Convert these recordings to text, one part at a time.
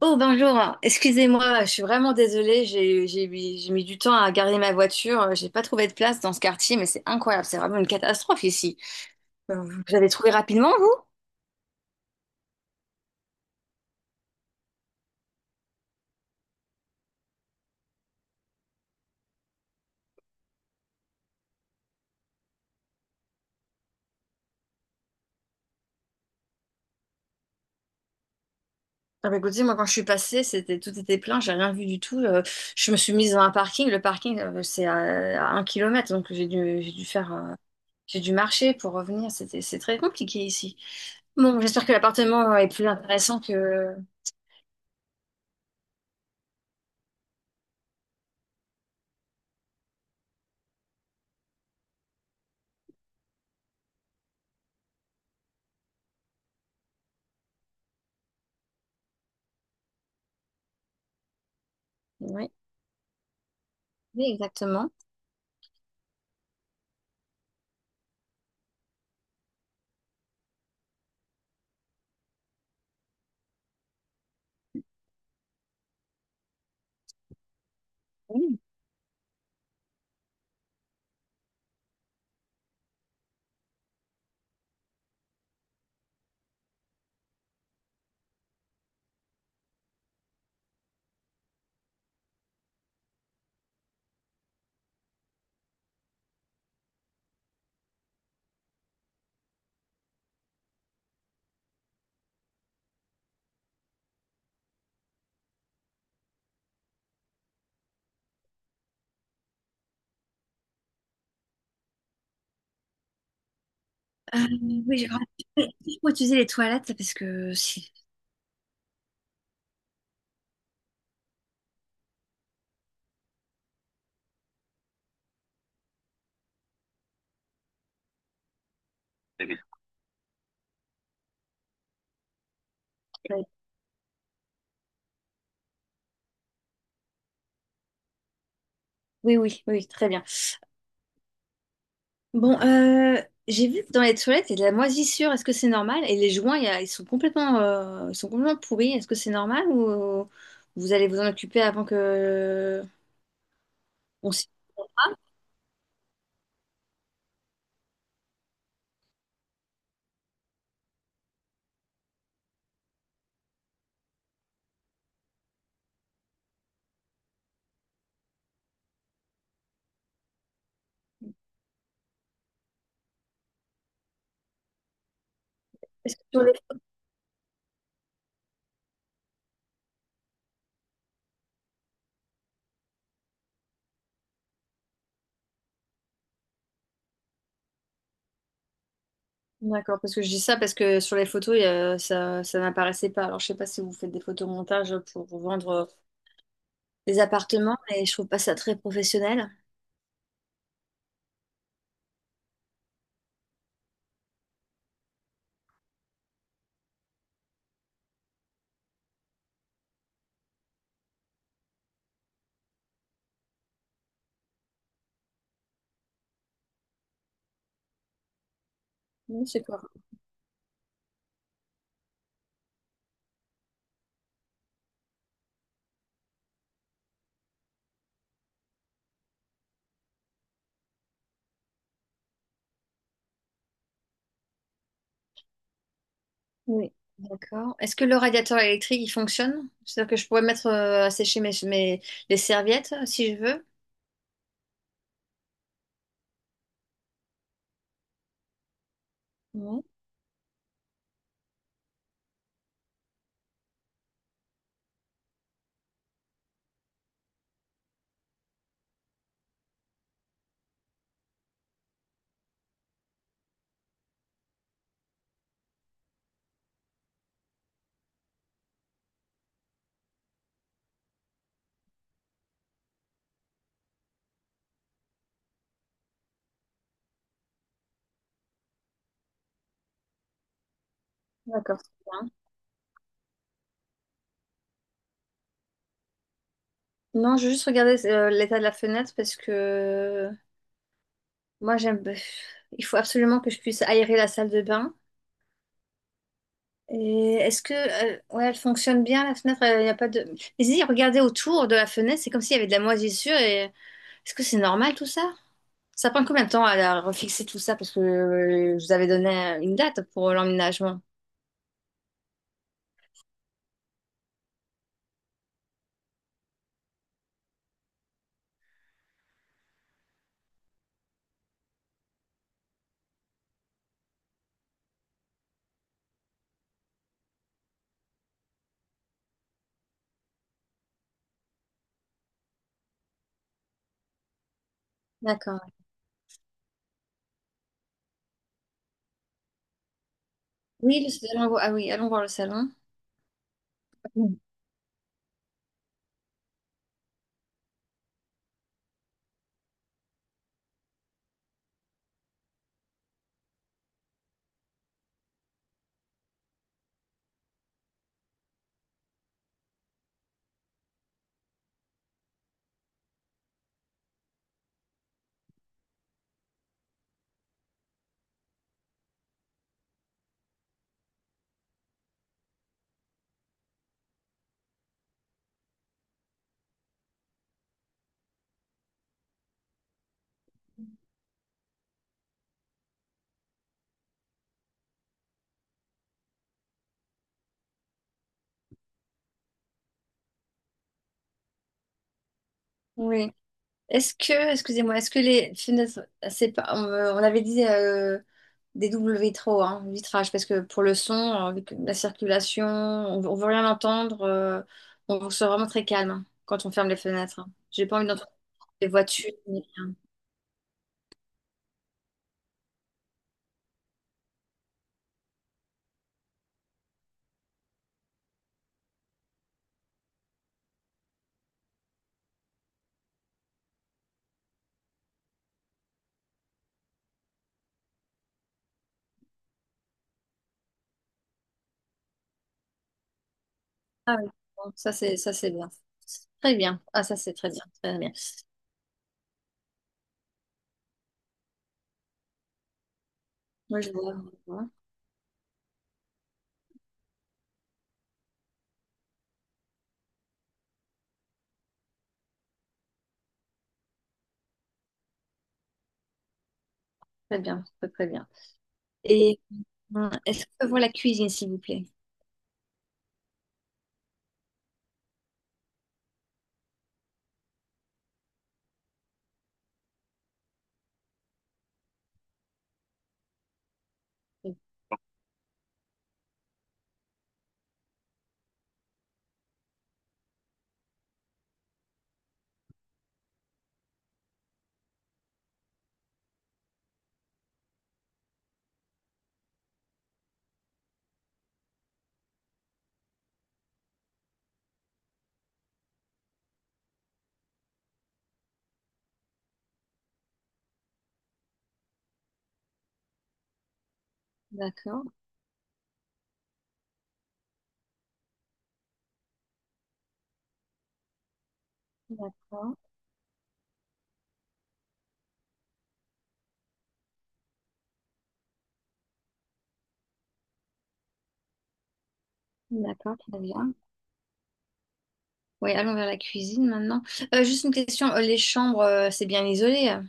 Oh bonjour, excusez-moi, je suis vraiment désolée, j'ai mis du temps à garer ma voiture, j'ai pas trouvé de place dans ce quartier, mais c'est incroyable, c'est vraiment une catastrophe ici. Euh, Vous avez trouvé rapidement, vous? Ah bah écoutez, moi quand je suis passée, c'était tout était plein, j'ai rien vu du tout. Je me suis mise dans un parking, le parking c'est à 1 kilomètre, donc j'ai dû faire j'ai dû marcher pour revenir, c'est très compliqué ici. Bon, j'espère que l'appartement est plus intéressant que oui, oui exactement. Euh, oui, il faut utiliser les toilettes parce que si. Oui, oui, oui, très bien. Bon, j'ai vu que dans les toilettes, il y a de la moisissure. Est-ce que c'est normal? Et les joints, ils sont complètement pourris. Est-ce que c'est normal ou vous allez vous en occuper avant que on s'y- Est-ce que sur les- D'accord, parce que je dis ça parce que sur les photos, ça, ça n'apparaissait pas. Alors, je sais pas si vous faites des photomontages pour vendre des appartements, mais je trouve pas ça très professionnel. Non, c'est correct. Oui. D'accord. Est-ce que le radiateur électrique, il fonctionne? C'est-à-dire que je pourrais mettre à sécher les serviettes si je veux? Oui. D'accord, c'est bien. Non, je vais juste regarder l'état de la fenêtre parce que moi, j'aime. Il faut absolument que je puisse aérer la salle de bain. Et est-ce que ouais, elle fonctionne bien la fenêtre? Il n'y a pas de. Mais si, regardez autour de la fenêtre, c'est comme s'il y avait de la moisissure. Et est-ce que c'est normal tout ça? Ça prend combien de temps à refixer tout ça? Parce que je vous avais donné une date pour l'emménagement. D'accord. Oui, le salon. Ah oui, allons voir le salon. Mm. Oui. Est-ce que, excusez-moi, est-ce que les fenêtres, c'est pas, on avait dit des doubles vitraux, hein, vitrage, parce que pour le son, avec la circulation, on, ne veut rien entendre. On se vraiment très calme hein, quand on ferme les fenêtres. Hein. J'ai pas envie d'entendre les voitures. Ah oui, bon, ça c'est bien. Très bien. Ah ça c'est très bien, très bien. Moi je vois, je vois. Très bien, très très bien. Et est-ce que je vois la cuisine, s'il vous plaît? D'accord, d'accord, d'accord, très bien. Oui, allons vers la cuisine maintenant. Juste une question, les chambres, c'est bien isolé?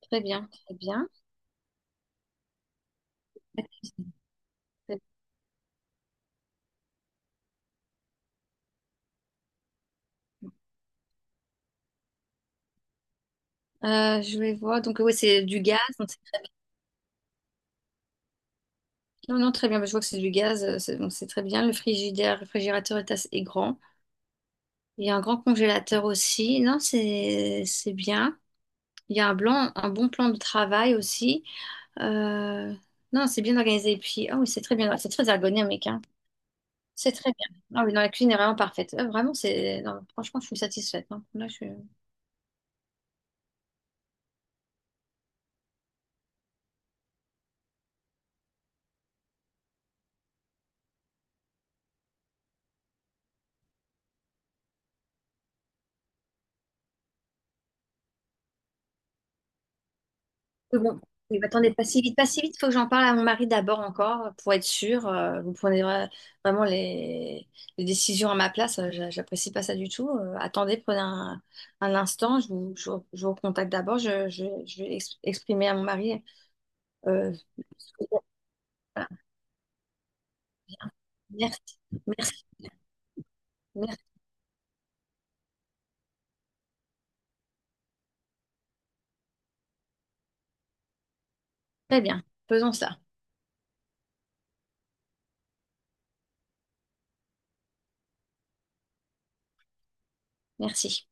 Très bien, très bien. Je vais voir, donc oui, c'est du gaz. Donc non, non, très bien. Mais je vois que c'est du gaz, donc c'est très bien. Le frigidaire, le réfrigérateur est assez est grand. Il y a un grand congélateur aussi. Non, c'est bien. Il y a un blanc, un bon plan de travail aussi. Euh, non, c'est bien organisé. Et puis, ah oui, c'est très bien, c'est très ergonomique, hein. C'est très bien. Ah oui, non, la cuisine est vraiment parfaite. Vraiment, c'est. Non, franchement, je suis satisfaite. Hein. Là, mais bon, oui, mais attendez pas si vite, pas si vite. Faut que j'en parle à mon mari d'abord encore pour être sûre. Vraiment les décisions à ma place. J'apprécie pas ça du tout. Attendez, prenez un instant. Je vous recontacte d'abord. Je vais exprimer à mon mari. euh, voilà. Merci, merci, merci. Très bien. Faisons ça. Merci.